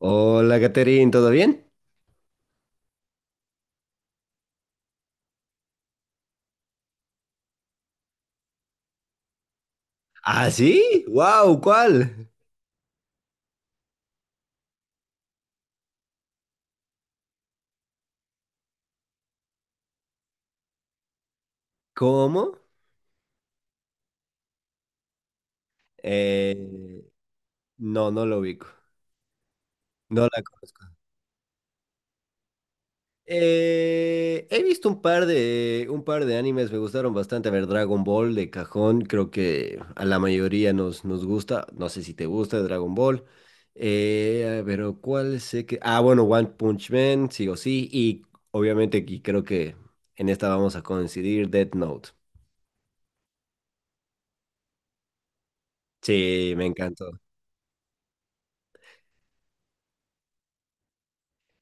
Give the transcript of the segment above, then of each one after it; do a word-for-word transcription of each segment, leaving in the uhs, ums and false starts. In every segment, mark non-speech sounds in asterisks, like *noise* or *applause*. Hola, Catherine, ¿todo bien? ¿Ah, sí? ¡Wow! ¿Cuál? ¿Cómo? Eh, no, no lo ubico. No la conozco. Eh, he visto un par de, un par de animes, me gustaron bastante. A ver, Dragon Ball de cajón, creo que a la mayoría nos, nos gusta. No sé si te gusta Dragon Ball. Eh, pero ¿cuál sé que...? Ah, bueno, One Punch Man, sí o sí. Y obviamente, y creo que en esta vamos a coincidir, Death Note. Sí, me encantó.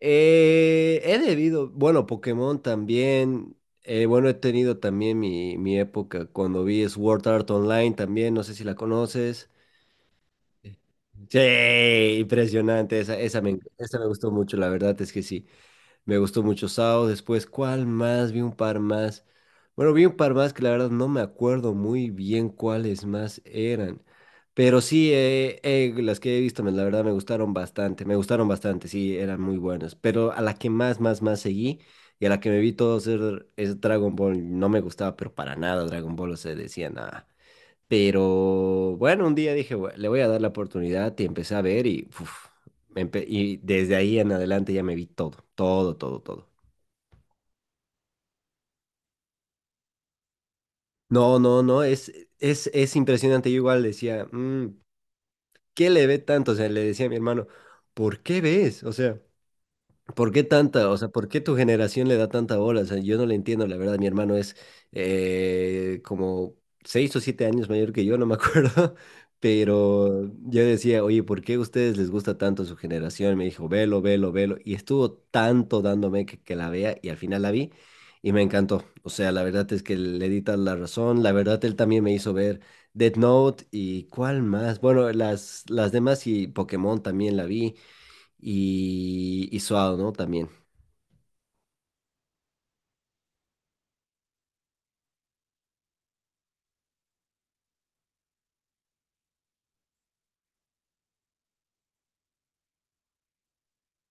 Eh, he debido, bueno, Pokémon también. eh, bueno, he tenido también mi, mi época cuando vi Sword Art Online también, no sé si la conoces. Sí, impresionante, esa, esa me, esa me gustó mucho, la verdad es que sí. Me gustó mucho Sao. Después, ¿cuál más? Vi un par más. Bueno, vi un par más que la verdad no me acuerdo muy bien cuáles más eran. Pero sí, eh, eh, las que he visto, me- la verdad me gustaron bastante. Me gustaron bastante, sí, eran muy buenas. Pero a la que más, más, más seguí y a la que me vi todo ser es Dragon Ball. No me gustaba, pero para nada Dragon Ball. O sea, decía nada. Pero bueno, un día dije, "Bue- le voy a dar la oportunidad y empecé a ver y, uf, me empe- y desde ahí en adelante ya me vi todo, todo, todo, todo. No, no, no, es, es, es impresionante. Yo igual decía, "Mm, ¿qué le ve tanto? O sea, le decía a mi hermano, ¿por qué ves? O sea, ¿Por qué tanta? O sea, ¿por qué tu generación le da tanta bola? O sea, yo no le entiendo, la verdad. Mi hermano es eh, como seis o siete años mayor que yo, no me acuerdo. *laughs* Pero yo decía, oye, ¿por qué a ustedes les gusta tanto su generación? Me dijo, velo, velo, velo. Y estuvo tanto dándome que, que la vea y al final la vi y me encantó. O sea, la verdad es que le di tal la razón. La verdad, él también me hizo ver Death Note y cuál más. Bueno, las, las demás y Pokémon también la vi. Y, y Suado, ¿no? También.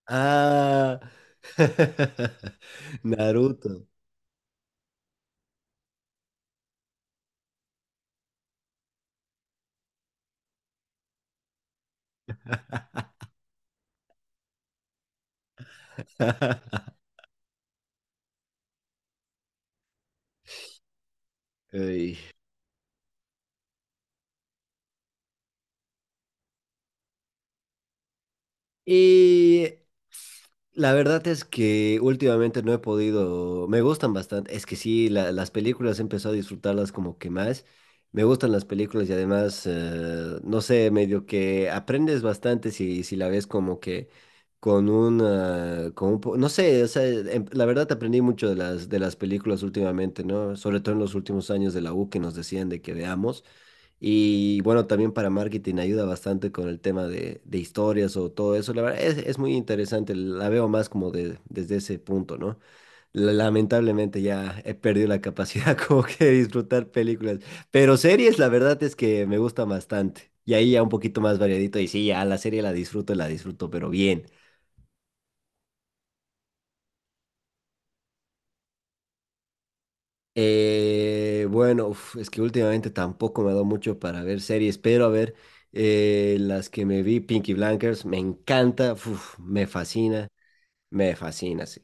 Ah, *laughs* Naruto. *laughs* Ey. Y la verdad es que últimamente no he podido, me gustan bastante, es que sí, la- las películas he empezado a disfrutarlas como que más, me gustan las películas y además, eh, no sé, medio que aprendes bastante si, si la ves como que con una, con un po- no sé, o sea, em- la verdad aprendí mucho de las, de las, películas últimamente, ¿no? Sobre todo en los últimos años de la U que nos decían de que veamos. Y bueno, también para marketing ayuda bastante con el tema de, de historias o todo eso. La verdad es, es muy interesante, la veo más como de, desde ese punto, ¿no? La- Lamentablemente ya he perdido la capacidad *laughs* como que de disfrutar películas, pero series la verdad es que me gusta bastante. Y ahí ya un poquito más variadito y sí, ya la serie la disfruto, la disfruto, pero bien. Eh, bueno, uf, es que últimamente tampoco me ha dado mucho para ver series, pero a ver, eh, las que me vi, Pinky Blinders, me encanta, uf, me fascina, me fascina, sí.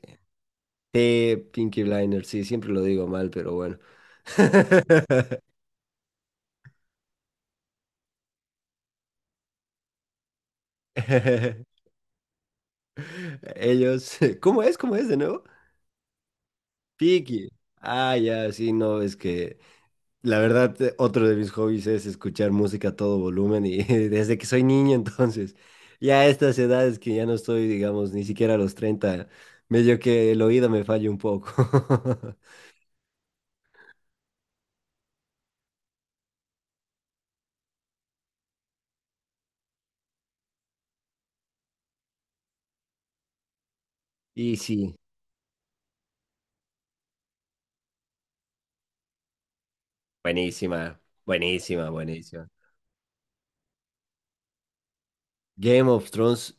Te Pinky Blinders, sí, siempre lo digo mal, pero bueno. *laughs* Ellos, *laughs* ¿cómo es? ¿Cómo es de nuevo? Pinky. Ah, ya, sí, no, es que la verdad, eh, otro de mis hobbies es escuchar música a todo volumen y *laughs* desde que soy niño, entonces, ya a estas edades que ya no estoy, digamos, ni siquiera a los treinta medio que el oído me falla un poco. *laughs* Y sí, buenísima, buenísima, buenísima. Game of Thrones,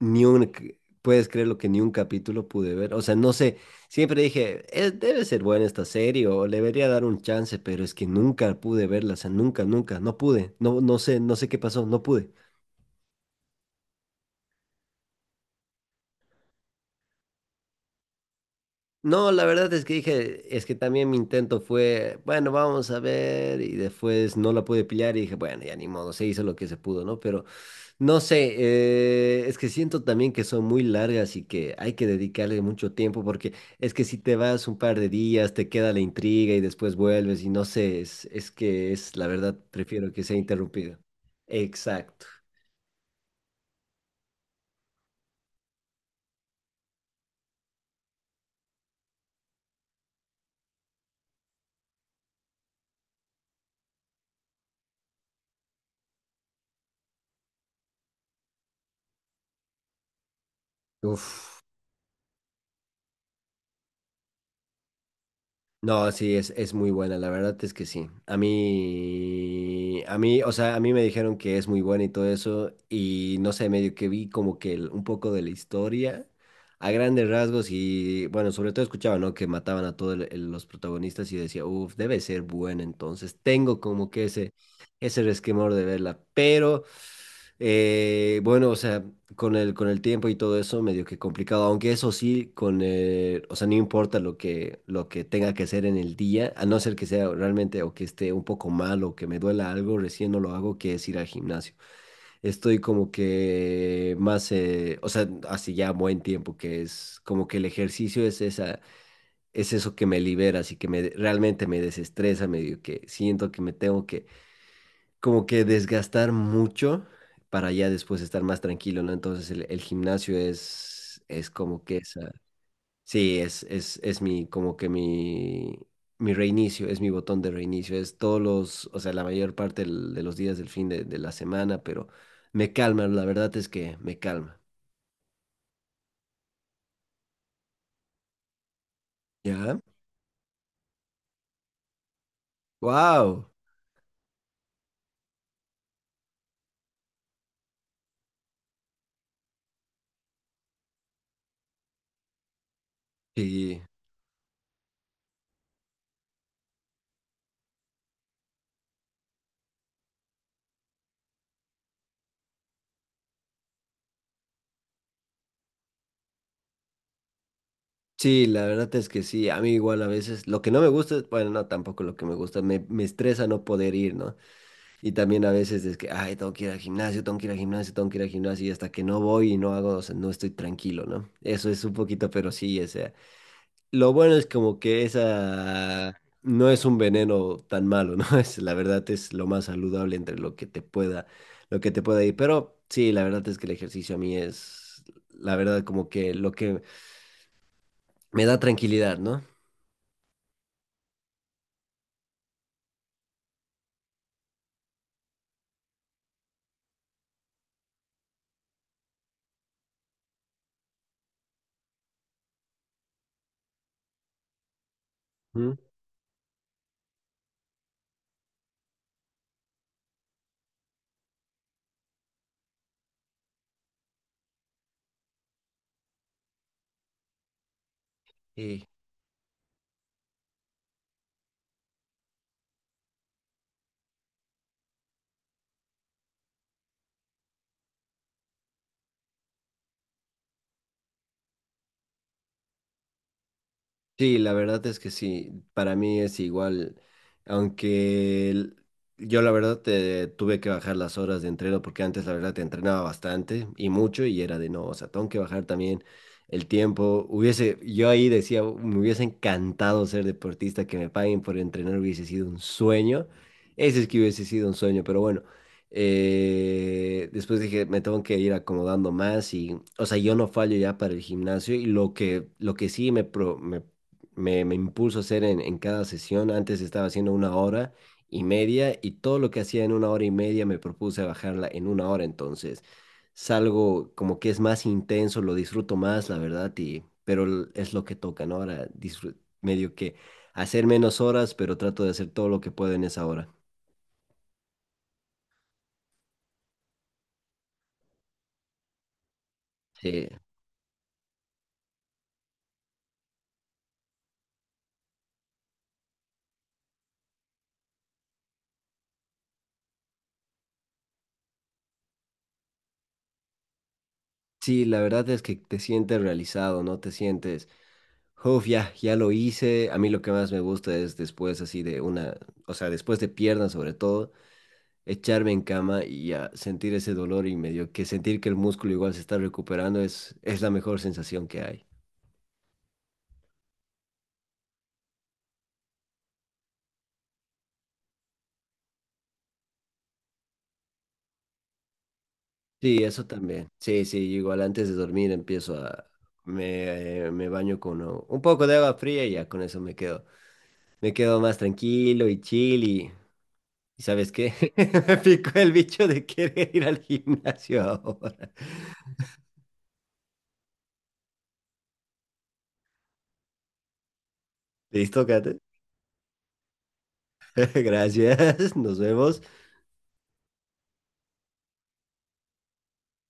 ni un, c- puedes creer lo que ni un capítulo pude ver. O sea, no sé, siempre dije, "Eh, debe ser buena esta serie o le debería dar un chance, pero es que nunca pude verla, o sea, nunca, nunca, no pude, no, no sé, no sé qué pasó, no pude. No, la verdad es que dije, es que también mi intento fue, bueno, vamos a ver, y después no la pude pillar y dije, bueno, ya ni modo, se hizo lo que se pudo, ¿no? Pero no sé, eh, es que siento también que son muy largas y que hay que dedicarle mucho tiempo porque es que si te vas un par de días, te queda la intriga y después vuelves y no sé, es, es que es, la verdad, prefiero que sea interrumpido. Exacto. Uf. No, sí, es, es muy buena, la verdad es que sí. A mí, a mí, o sea, a mí me dijeron que es muy buena y todo eso, y no sé, medio que vi como que el- un poco de la historia a grandes rasgos y bueno, sobre todo escuchaba, ¿no? Que mataban a todos los protagonistas y decía, uff, debe ser buena, entonces tengo como que ese, ese, resquemor de verla, pero eh, bueno, o sea, con el, con el tiempo y todo eso, medio que complicado, aunque eso sí, con el- o sea, no importa lo que, lo que tenga que hacer en el día, a no ser que sea realmente o que esté un poco mal o que me duela algo, recién no lo hago, que es ir al gimnasio. Estoy como que más, eh, o sea, hace ya buen tiempo que es como que el ejercicio es esa, es eso que me libera, así que me, realmente me desestresa, medio que siento que me tengo que como que desgastar mucho para ya después estar más tranquilo, ¿no? Entonces el, el gimnasio es, es como que esa, sí, es, es, es mi, como que mi, mi reinicio, es mi botón de reinicio, es todos los, o sea, la mayor parte del- de los días del fin de, de la semana, pero me calma, la verdad es que me calma, ¿ya? ¡Wow! Sí. Sí, la verdad es que sí, a mí igual a veces, lo que no me gusta, bueno, no, tampoco lo que me gusta, me, me estresa no poder ir, ¿no? Y también a veces es que, ay, tengo que ir al gimnasio, tengo que ir al gimnasio, tengo que ir al gimnasio, y hasta que no voy y no hago, o sea, no estoy tranquilo, ¿no? Eso es un poquito, pero sí, o sea, lo bueno es como que esa no es un veneno tan malo, ¿no? *laughs* Es, la verdad es lo más saludable entre lo que te pueda, lo que te pueda ir, pero sí, la verdad es que el ejercicio a mí es, la verdad, como que lo que me da tranquilidad, ¿no? ¿Mm? Sí. Sí, la verdad es que sí, para mí es igual, aunque el- yo la verdad te, tuve que bajar las horas de entreno porque antes la verdad te entrenaba bastante y mucho y era de no, o sea, tengo que bajar también el tiempo. Hubiese, yo ahí decía, "Uh, me hubiese encantado ser deportista, que me paguen por entrenar hubiese sido un sueño, ese es que hubiese sido un sueño, pero bueno, eh, después dije, me tengo que ir acomodando más y, o sea, yo no fallo ya para el gimnasio y lo que, lo que, sí me, pro- me me, me impulso a hacer en, en cada sesión. Antes estaba haciendo una hora y media y todo lo que hacía en una hora y media me propuse a bajarla en una hora. Entonces, salgo como que es más intenso, lo disfruto más, la verdad, y, pero l- es lo que toca, ¿no? Ahora disfru- medio que hacer menos horas, pero trato de hacer todo lo que puedo en esa hora. Sí, sí, la verdad es que te sientes realizado, ¿no? Te sientes... Uf, ya, ya lo hice. A mí lo que más me gusta es después así de una, o sea, después de piernas sobre todo, echarme en cama y a sentir ese dolor y medio que sentir que el músculo igual se está recuperando es, es la mejor sensación que hay. Sí, eso también. Sí, sí, igual antes de dormir empiezo a... Me, eh, me baño con uh, un poco de agua fría y ya con eso me quedo. Me quedo más tranquilo y chill y... ¿Y sabes qué? *laughs* Me picó el bicho de querer ir al gimnasio ahora. Listo, Kate. *laughs* Gracias. Nos vemos.